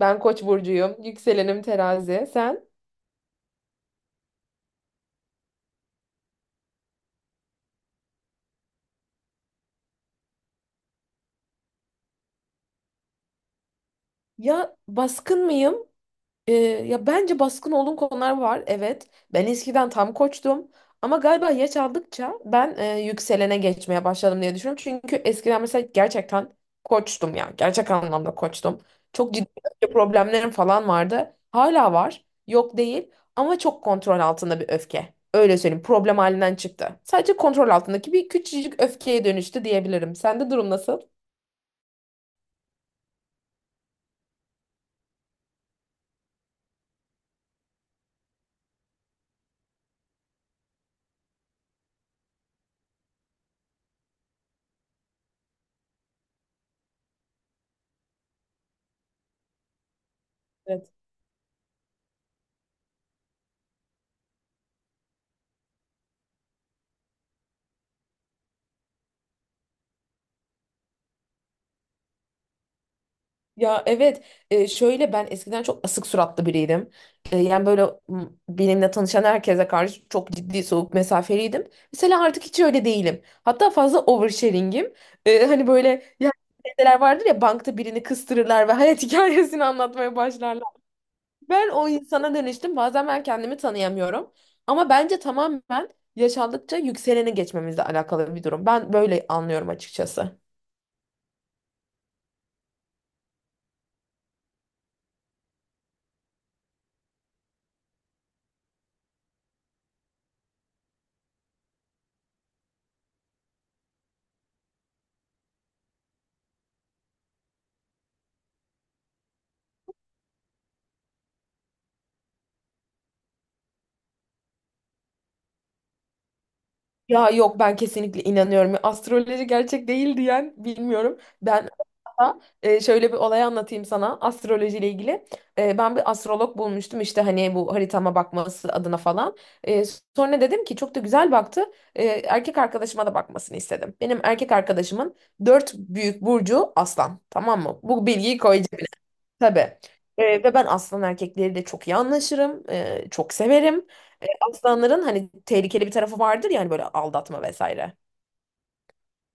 Ben Koç burcuyum. Yükselenim terazi. Sen? Ya baskın mıyım? Ya bence baskın olduğum konular var. Evet. Ben eskiden tam koçtum. Ama galiba yaş aldıkça ben yükselene geçmeye başladım diye düşünüyorum. Çünkü eskiden mesela gerçekten koçtum ya. Gerçek anlamda koçtum. Çok ciddi öfke problemlerim falan vardı. Hala var. Yok değil. Ama çok kontrol altında bir öfke. Öyle söyleyeyim. Problem halinden çıktı. Sadece kontrol altındaki bir küçücük öfkeye dönüştü diyebilirim. Sende durum nasıl? Evet. Ya evet, şöyle ben eskiden çok asık suratlı biriydim. Yani böyle, benimle tanışan herkese karşı çok ciddi soğuk mesafeliydim. Mesela artık hiç öyle değilim. Hatta fazla oversharing'im. Hani böyle ya, şeyler vardır ya, bankta birini kıstırırlar ve hayat hikayesini anlatmaya başlarlar. Ben o insana dönüştüm. Bazen ben kendimi tanıyamıyorum. Ama bence tamamen yaşandıkça yükseleni geçmemizle alakalı bir durum. Ben böyle anlıyorum açıkçası. Ya yok, ben kesinlikle inanıyorum. Astroloji gerçek değil diyen bilmiyorum. Ben hatta, şöyle bir olay anlatayım sana astrolojiyle ilgili. Ben bir astrolog bulmuştum işte hani bu haritama bakması adına falan. E, Sonra dedim ki çok da güzel baktı. Erkek arkadaşıma da bakmasını istedim. Benim erkek arkadaşımın dört büyük burcu aslan. Tamam mı? Bu bilgiyi koyacağım. Tabii. Ve ben aslan erkekleri de çok iyi anlaşırım. Çok severim. Ee, Aslanların hani tehlikeli bir tarafı vardır, yani böyle aldatma vesaire.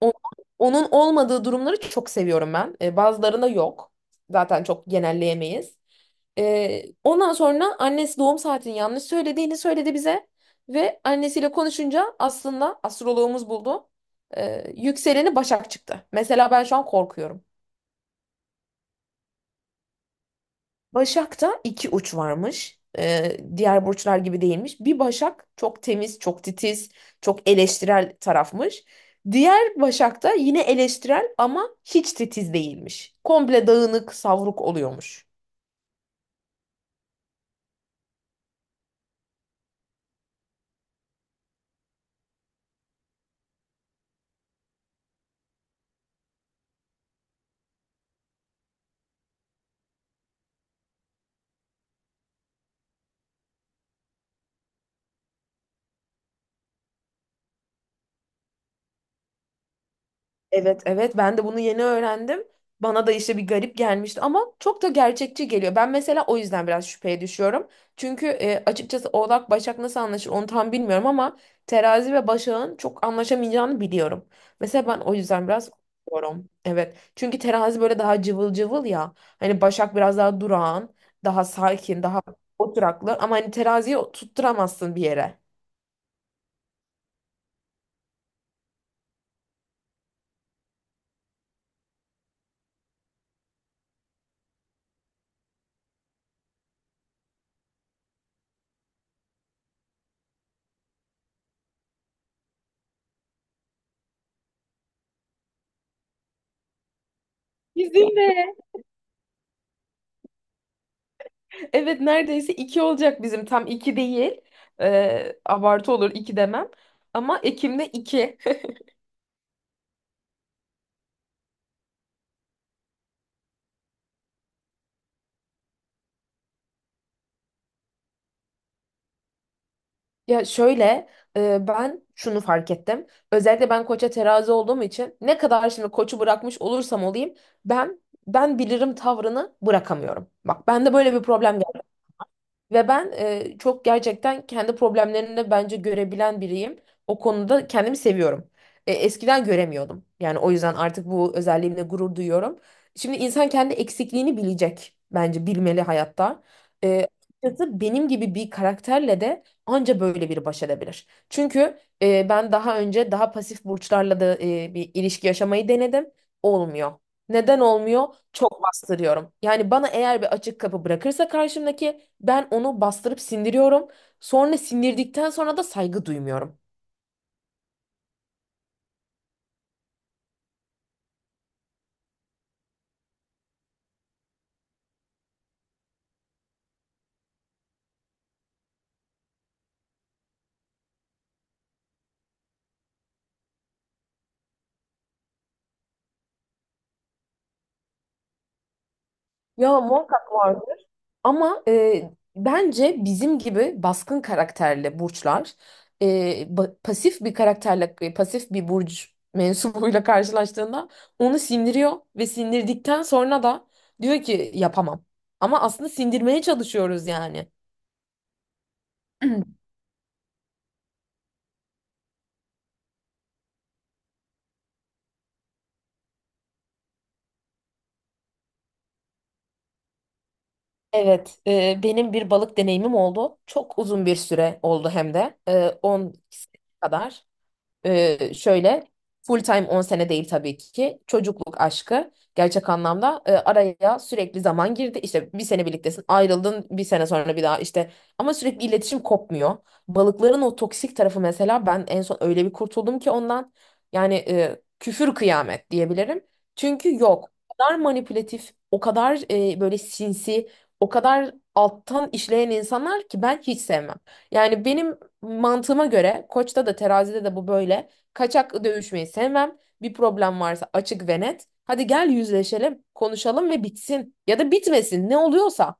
O- Onun olmadığı durumları çok seviyorum ben. Bazılarında yok. Zaten çok genelleyemeyiz. Ondan sonra annesi doğum saatini yanlış söylediğini söyledi bize. Ve annesiyle konuşunca aslında astroloğumuz buldu. Yükseleni Başak çıktı. Mesela ben şu an korkuyorum. Başak'ta iki uç varmış. Diğer burçlar gibi değilmiş. Bir Başak çok temiz, çok titiz, çok eleştirel tarafmış. Diğer Başak'ta yine eleştirel ama hiç titiz değilmiş. Komple dağınık, savruk oluyormuş. Evet, evet, ben de bunu yeni öğrendim. Bana da işte bir garip gelmişti ama çok da gerçekçi geliyor. Ben mesela o yüzden biraz şüpheye düşüyorum. Çünkü açıkçası Oğlak Başak nasıl anlaşır onu tam bilmiyorum ama Terazi ve Başak'ın çok anlaşamayacağını biliyorum. Mesela ben o yüzden biraz korkuyorum. Evet. Çünkü Terazi böyle daha cıvıl cıvıl ya. Hani Başak biraz daha durağan. Daha sakin, daha oturaklı. Ama hani teraziyi tutturamazsın bir yere. Bizim de. Evet, neredeyse iki olacak bizim. Tam iki değil. Abartı olur iki demem. Ama Ekim'de iki. Ya şöyle, ben şunu fark ettim. Özellikle ben koça terazi olduğum için, ne kadar şimdi koçu bırakmış olursam olayım, ben ben bilirim tavrını bırakamıyorum. Bak bende böyle bir problem ve ben, çok gerçekten kendi problemlerini de bence görebilen biriyim. O konuda kendimi seviyorum. Eskiden göremiyordum. Yani o yüzden artık bu özelliğimle gurur duyuyorum. Şimdi insan kendi eksikliğini bilecek, bence bilmeli hayatta. E, Açıkçası benim gibi bir karakterle de anca böyle biri baş edebilir. Çünkü ben daha önce daha pasif burçlarla da bir ilişki yaşamayı denedim. Olmuyor. Neden olmuyor? Çok bastırıyorum. Yani bana eğer bir açık kapı bırakırsa karşımdaki, ben onu bastırıp sindiriyorum. Sonra sindirdikten sonra da saygı duymuyorum. Ya muhakkak vardı. Ama bence bizim gibi baskın karakterli burçlar, e, pasif bir karakterle, pasif bir burç mensubuyla karşılaştığında onu sindiriyor ve sindirdikten sonra da diyor ki yapamam. Ama aslında sindirmeye çalışıyoruz yani. Evet, benim bir balık deneyimim oldu. Çok uzun bir süre oldu hem de. 10 sene kadar. Şöyle, full time 10 sene değil tabii ki. Çocukluk aşkı gerçek anlamda, araya sürekli zaman girdi. İşte bir sene birliktesin, ayrıldın, bir sene sonra bir daha işte, ama sürekli iletişim kopmuyor. Balıkların o toksik tarafı mesela, ben en son öyle bir kurtuldum ki ondan, yani küfür kıyamet diyebilirim. Çünkü yok. O kadar manipülatif, o kadar böyle sinsi, o kadar alttan işleyen insanlar ki ben hiç sevmem. Yani benim mantığıma göre Koç'ta da terazide de bu böyle. Kaçak dövüşmeyi sevmem. Bir problem varsa açık ve net. Hadi gel yüzleşelim, konuşalım ve bitsin. Ya da bitmesin, ne oluyorsa.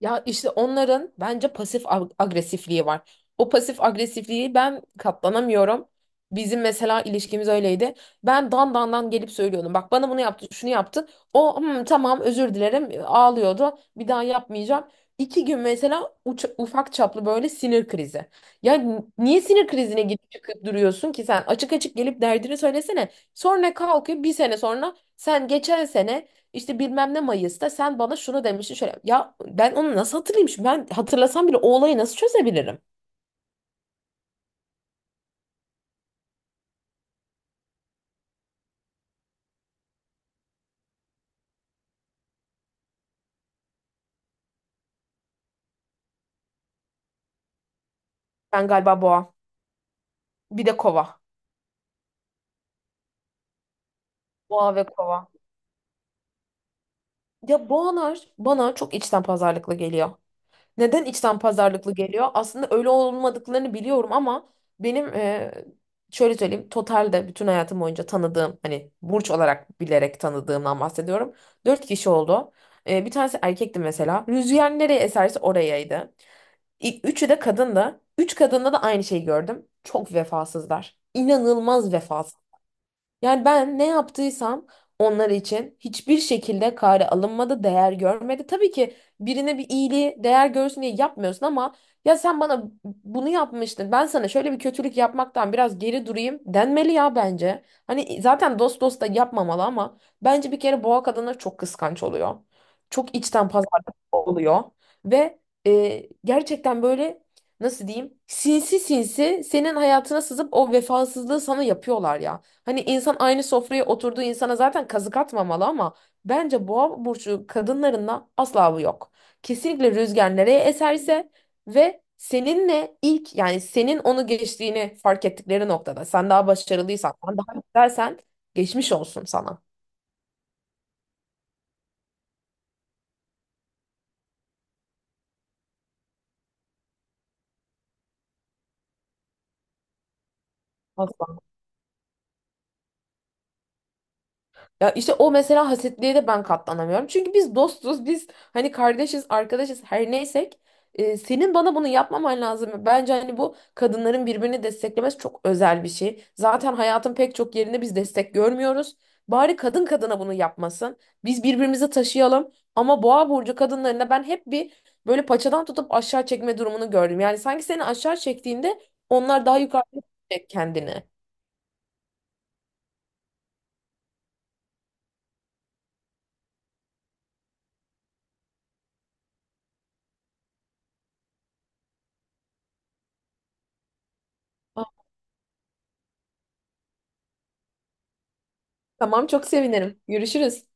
Ya işte onların bence pasif agresifliği var. O pasif agresifliği ben katlanamıyorum. Bizim mesela ilişkimiz öyleydi. Ben dan dan dan gelip söylüyordum. Bak bana bunu yaptı, şunu yaptı. O, "Hmm, tamam, özür dilerim," ağlıyordu. Bir daha yapmayacağım. İki gün mesela, ufak çaplı böyle sinir krizi. Ya niye sinir krizine gidip çıkıp duruyorsun ki sen? Açık açık gelip derdini söylesene. Sonra kalkıyor bir sene sonra, sen geçen sene işte bilmem ne Mayıs'ta sen bana şunu demiştin şöyle. Ya ben onu nasıl hatırlayayım şimdi? Ben hatırlasam bile o olayı nasıl çözebilirim? Ben galiba boğa. Bir de kova. Boğa ve kova. Ya boğalar bana çok içten pazarlıklı geliyor. Neden içten pazarlıklı geliyor? Aslında öyle olmadıklarını biliyorum ama benim, şöyle söyleyeyim. Totalde bütün hayatım boyunca tanıdığım, hani burç olarak bilerek tanıdığımdan bahsediyorum. Dört kişi oldu. Bir tanesi erkekti mesela. Rüzgar nereye eserse orayaydı. Üçü de kadındı. Üç kadında da aynı şeyi gördüm. Çok vefasızlar. İnanılmaz vefasız. Yani ben ne yaptıysam onlar için hiçbir şekilde kare alınmadı, değer görmedi. Tabii ki birine bir iyiliği değer görsün diye yapmıyorsun ama, ya sen bana bunu yapmıştın, ben sana şöyle bir kötülük yapmaktan biraz geri durayım denmeli ya bence. Hani zaten dost dost da yapmamalı, ama bence bir kere boğa kadınlar çok kıskanç oluyor. Çok içten pazarlık oluyor ve, gerçekten böyle, nasıl diyeyim, sinsi sinsi senin hayatına sızıp o vefasızlığı sana yapıyorlar ya. Hani insan aynı sofraya oturduğu insana zaten kazık atmamalı, ama bence boğa burcu kadınlarında asla bu yok. Kesinlikle rüzgar nereye eserse, ve seninle ilk, yani senin onu geçtiğini fark ettikleri noktada, sen daha başarılıysan, sen daha güzelsen, geçmiş olsun sana. Asla. Ya işte o mesela, hasetliğe de ben katlanamıyorum. Çünkü biz dostuz, biz hani kardeşiz, arkadaşız, her neysek. Senin bana bunu yapmaman lazım. Bence hani bu kadınların birbirini desteklemesi çok özel bir şey. Zaten hayatın pek çok yerinde biz destek görmüyoruz. Bari kadın kadına bunu yapmasın. Biz birbirimizi taşıyalım. Ama boğa burcu kadınlarında ben hep bir, böyle, paçadan tutup aşağı çekme durumunu gördüm. Yani sanki seni aşağı çektiğinde onlar daha yukarı çekecek kendini. Ah, tamam, çok sevinirim. Görüşürüz.